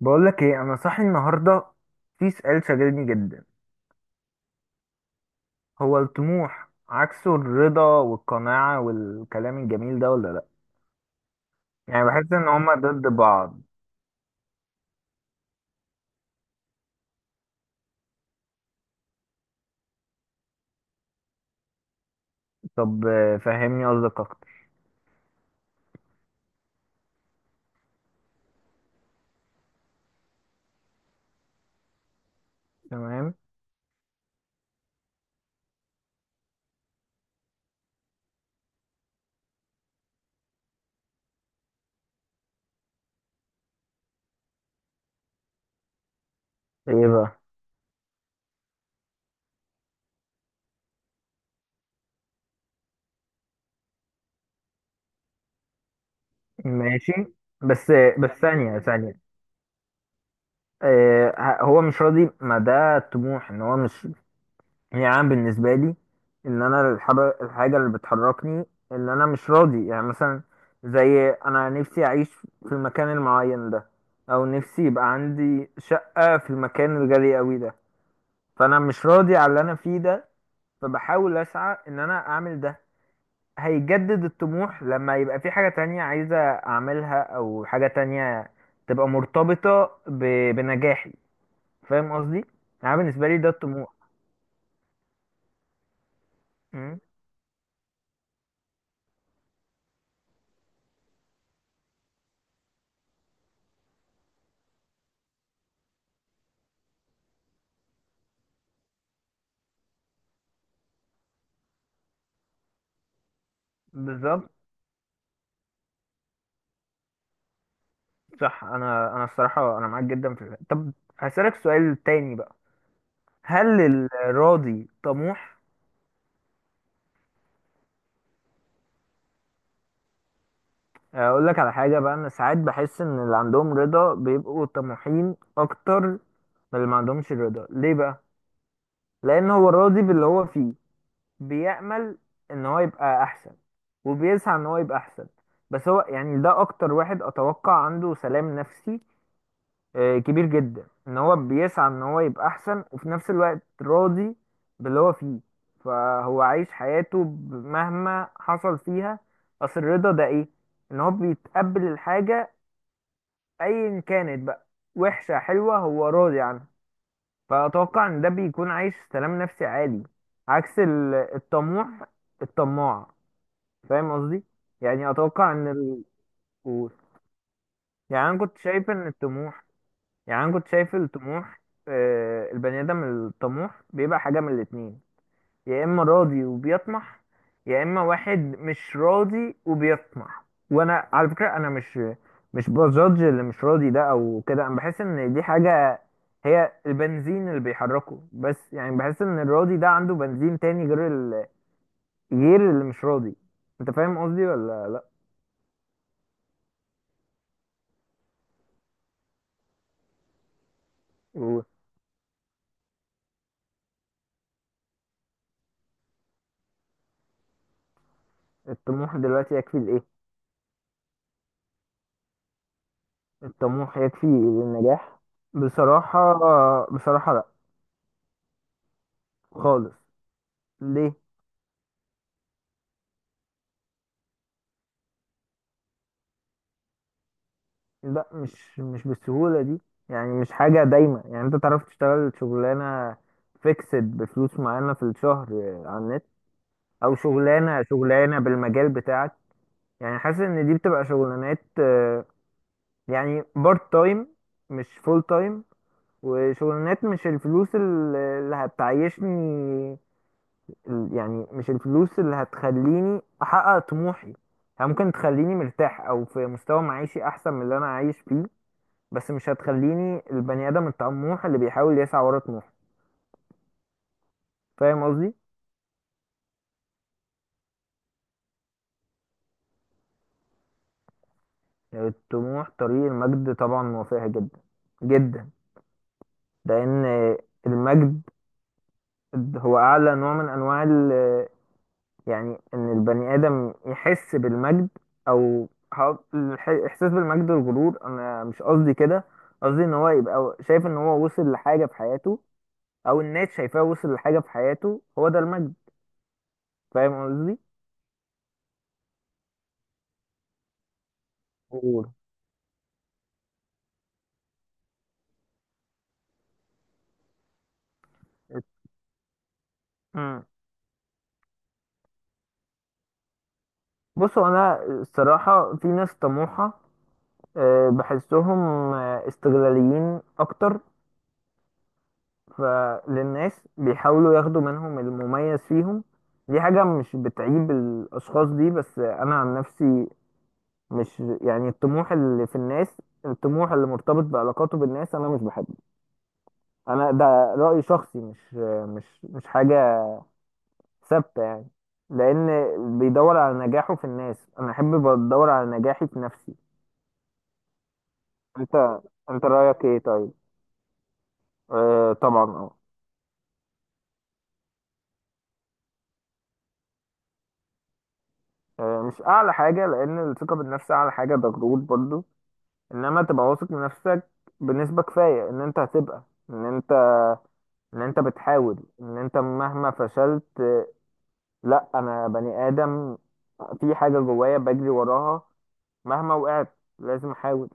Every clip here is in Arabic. بقول لك ايه، انا صاحي النهارده. في سؤال شاغلني جدا. هو الطموح عكسه الرضا والقناعة والكلام الجميل ده ولا لا؟ يعني بحس ان هما ضد بعض. طب، فهمني قصدك اكتر. تمام. ايه بقى؟ ماشي. بس. بس ثانية ثانية. هو مش راضي، ما ده الطموح، ان هو مش يعني بالنسبة لي، إن أنا الحاجة اللي بتحركني، إن أنا مش راضي، يعني مثلا زي أنا نفسي أعيش في المكان المعين ده، أو نفسي يبقى عندي شقة في المكان الغالي أوي ده. فأنا مش راضي على اللي أنا فيه ده، فبحاول أسعى إن أنا أعمل ده. هيجدد الطموح لما يبقى في حاجة تانية عايزة أعملها أو حاجة تانية تبقى مرتبطة بنجاحي. فاهم قصدي؟ يعني بالنسبة لي ده الطموح. م؟ بالظبط. صح، انا الصراحه انا معاك جدا في الحتة. طب، هسألك سؤال تاني بقى. هل الراضي طموح؟ اقول لك على حاجه بقى، انا ساعات بحس ان اللي عندهم رضا بيبقوا طموحين اكتر من اللي ما عندهمش رضا. ليه بقى؟ لان هو راضي باللي هو فيه، بيأمل ان هو يبقى احسن وبيسعى ان هو يبقى احسن. بس هو يعني ده اكتر واحد اتوقع عنده سلام نفسي كبير جدا، ان هو بيسعى ان هو يبقى احسن وفي نفس الوقت راضي باللي هو فيه. فهو عايش حياته مهما حصل فيها. اصل الرضا ده ايه؟ ان هو بيتقبل الحاجة ايا كانت بقى، وحشة حلوة، هو راضي عنها. فاتوقع ان ده بيكون عايش سلام نفسي عالي، عكس الطموح الطماع. فاهم قصدي؟ يعني اتوقع ان قول. يعني انا كنت شايف ان الطموح يعني انا كنت شايف الطموح. البني ادم الطموح بيبقى حاجه من الاتنين، يا اما راضي وبيطمح، يا اما واحد مش راضي وبيطمح. وانا على فكره انا مش بجادج اللي مش راضي ده او كده. انا بحس ان دي حاجه، هي البنزين اللي بيحركه. بس يعني بحس ان الراضي ده عنده بنزين تاني غير غير اللي مش راضي. انت فاهم قصدي ولا لا؟ والطموح دلوقتي يكفي لايه؟ الطموح يكفي للنجاح؟ بصراحة، بصراحة لا، خالص. ليه؟ لا، مش بالسهولة دي. يعني مش حاجة دايما، يعني انت تعرف تشتغل شغلانة فيكسد بفلوس معينة في الشهر على النت، او شغلانة بالمجال بتاعك. يعني حاسس ان دي بتبقى شغلانات يعني بارت تايم، مش فول تايم. وشغلانات مش الفلوس اللي هتعيشني، يعني مش الفلوس اللي هتخليني احقق طموحي. هي ممكن تخليني مرتاح او في مستوى معيشي احسن من اللي انا عايش فيه، بس مش هتخليني البني ادم الطموح اللي بيحاول يسعى ورا طموحه. فاهم قصدي؟ الطموح طريق المجد، طبعا موافقها جدا جدا. لان المجد هو اعلى نوع من انواع يعني ان البني ادم يحس بالمجد، او الاحساس بالمجد والغرور، انا مش قصدي كده. قصدي ان هو يبقى شايف ان هو وصل لحاجه في حياته، او الناس شايفاه وصل لحاجه في حياته، هو ده المجد. فاهم قصدي؟ غرور. مم. بصوا، انا الصراحه في ناس طموحه بحسهم استغلاليين اكتر، فللناس بيحاولوا ياخدوا منهم المميز فيهم. دي حاجه مش بتعيب الاشخاص دي، بس انا عن نفسي مش يعني الطموح اللي في الناس، الطموح اللي مرتبط بعلاقاته بالناس، انا مش بحبه. انا ده رأي شخصي، مش مش حاجة ثابتة يعني، لان بيدور على نجاحه في الناس، انا احب بدور على نجاحي في نفسي. انت انت رأيك ايه طيب؟ آه طبعا، اه. مش اعلى حاجة، لان الثقة بالنفس اعلى حاجة ده غرور برضو. انما تبقى واثق من نفسك بنسبة كفاية ان انت هتبقى، ان انت ان انت بتحاول، ان انت مهما فشلت، لا، انا بني ادم في حاجه جوايا بجري وراها، مهما وقعت لازم احاول.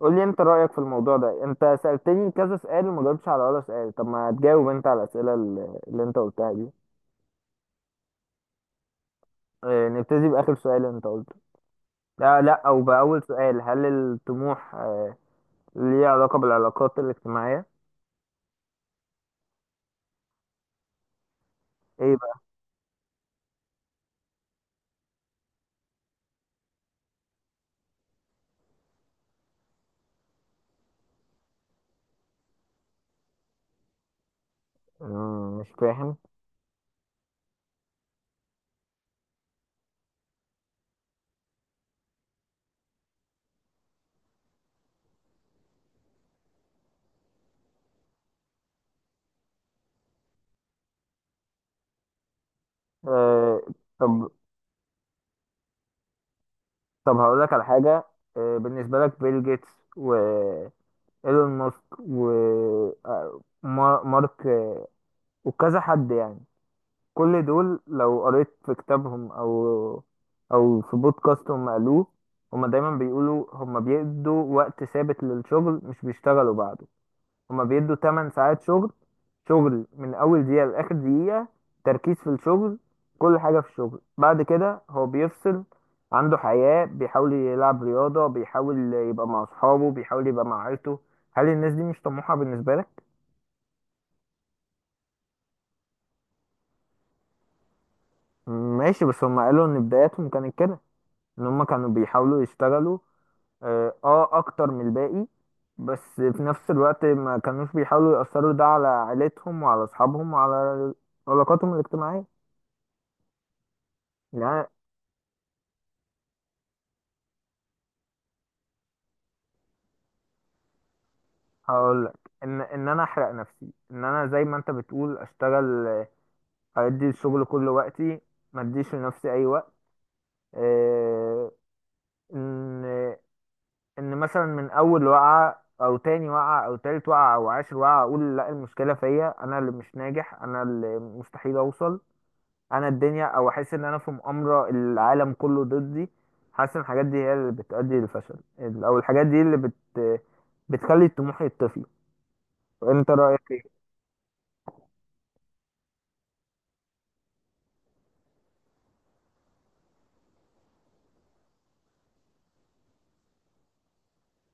قول لي انت رايك في الموضوع ده. انت سالتني كذا سؤال وما جاوبتش على ولا سؤال، طب ما تجاوب انت على الاسئله اللي انت قلتها دي. نبتدي باخر سؤال انت قلته، لا لا، او باول سؤال. هل الطموح ليه علاقه بالعلاقات الاجتماعيه؟ ايه بقى؟ مش فاهم. آه، طب طب هقول لك على حاجه. بالنسبه لك بيل جيتس و... ايلون ماسك و مارك، وكذا حد يعني. كل دول لو قريت في كتابهم او في بودكاست هم قالوه، هما دايما بيقولوا هما بيدوا وقت ثابت للشغل، مش بيشتغلوا بعده. هما بيدوا 8 ساعات شغل، شغل من اول دقيقة لاخر دقيقة، تركيز في الشغل، كل حاجة في الشغل. بعد كده هو بيفصل، عنده حياة، بيحاول يلعب رياضة، بيحاول يبقى مع اصحابه، بيحاول يبقى مع عيلته. هل الناس دي مش طموحة بالنسبة لك؟ ماشي، بس هما قالوا ان بداياتهم كانت كده، ان هما كانوا بيحاولوا يشتغلوا اه آه اكتر من الباقي، بس في نفس الوقت ما كانوش بيحاولوا يأثروا ده على عيلتهم وعلى اصحابهم وعلى علاقاتهم الاجتماعية. يعني هقول لك ان ان انا احرق نفسي، ان انا زي ما انت بتقول اشتغل، ادي الشغل كل وقتي، ما اديش لنفسي اي وقت. آه، ان ان مثلا من اول وقعه او تاني وقعه او تالت وقعه او عاشر وقعه اقول لا المشكله فيا، انا اللي مش ناجح، انا اللي مستحيل اوصل، انا الدنيا، او احس ان انا في مؤامره، العالم كله ضدي. حاسس ان الحاجات دي هي اللي بتؤدي للفشل، او الحاجات دي اللي بتخلي الطموح يطفي. انت رايك ايه؟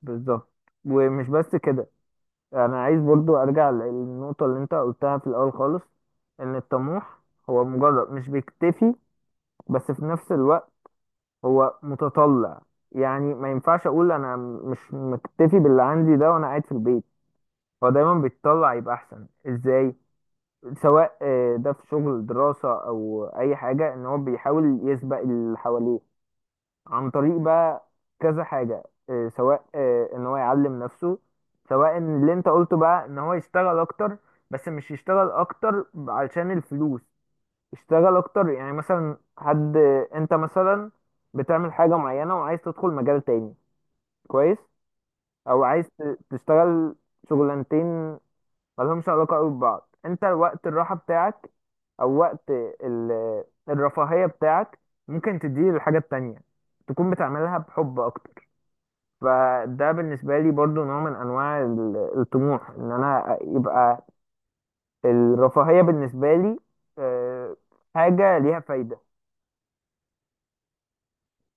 بالظبط. ومش بس كده، انا عايز برضو ارجع للنقطة اللي انت قلتها في الاول خالص، ان الطموح هو مجرد مش بيكتفي، بس في نفس الوقت هو متطلع. يعني ما ينفعش اقول انا مش مكتفي باللي عندي ده وانا قاعد في البيت. هو دايما بيتطلع يبقى احسن ازاي، سواء ده في شغل، دراسة، او اي حاجة، ان هو بيحاول يسبق اللي حواليه عن طريق بقى كذا حاجة. إيه، سواء إيه، ان هو يعلم نفسه، سواء إن اللي انت قلته بقى ان هو يشتغل اكتر، بس مش يشتغل اكتر علشان الفلوس. يشتغل اكتر، يعني مثلا حد، انت مثلا بتعمل حاجة معينة وعايز تدخل مجال تاني، كويس، او عايز تشتغل شغلانتين ملهمش علاقة قوي ببعض. انت وقت الراحة بتاعك او وقت الرفاهية بتاعك ممكن تديه للحاجة التانية، تكون بتعملها بحب اكتر. فده بالنسبة لي برضو نوع من أنواع الطموح، إن أنا يبقى الرفاهية بالنسبة لي آه، حاجة ليها فايدة.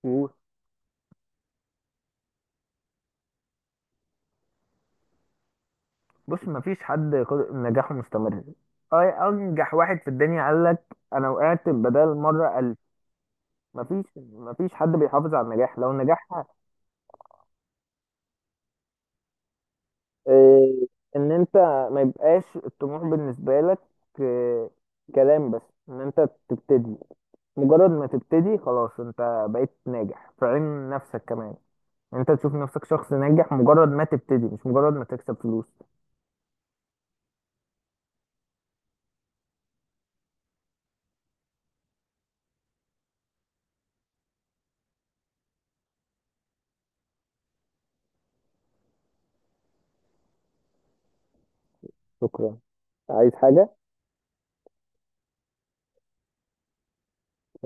مم. بص، مفيش حد نجاحه مستمر. أنجح واحد في الدنيا قال لك أنا وقعت بدل مرة ألف. مفيش حد بيحافظ على النجاح، لو النجاح آه، إن أنت ما يبقاش الطموح بالنسبة لك آه، كلام بس، إن أنت تبتدي. مجرد ما تبتدي خلاص انت بقيت ناجح في عين نفسك كمان. انت تشوف نفسك شخص ناجح مجرد ما تبتدي، مش مجرد ما تكسب فلوس. شكرا، عايز حاجة؟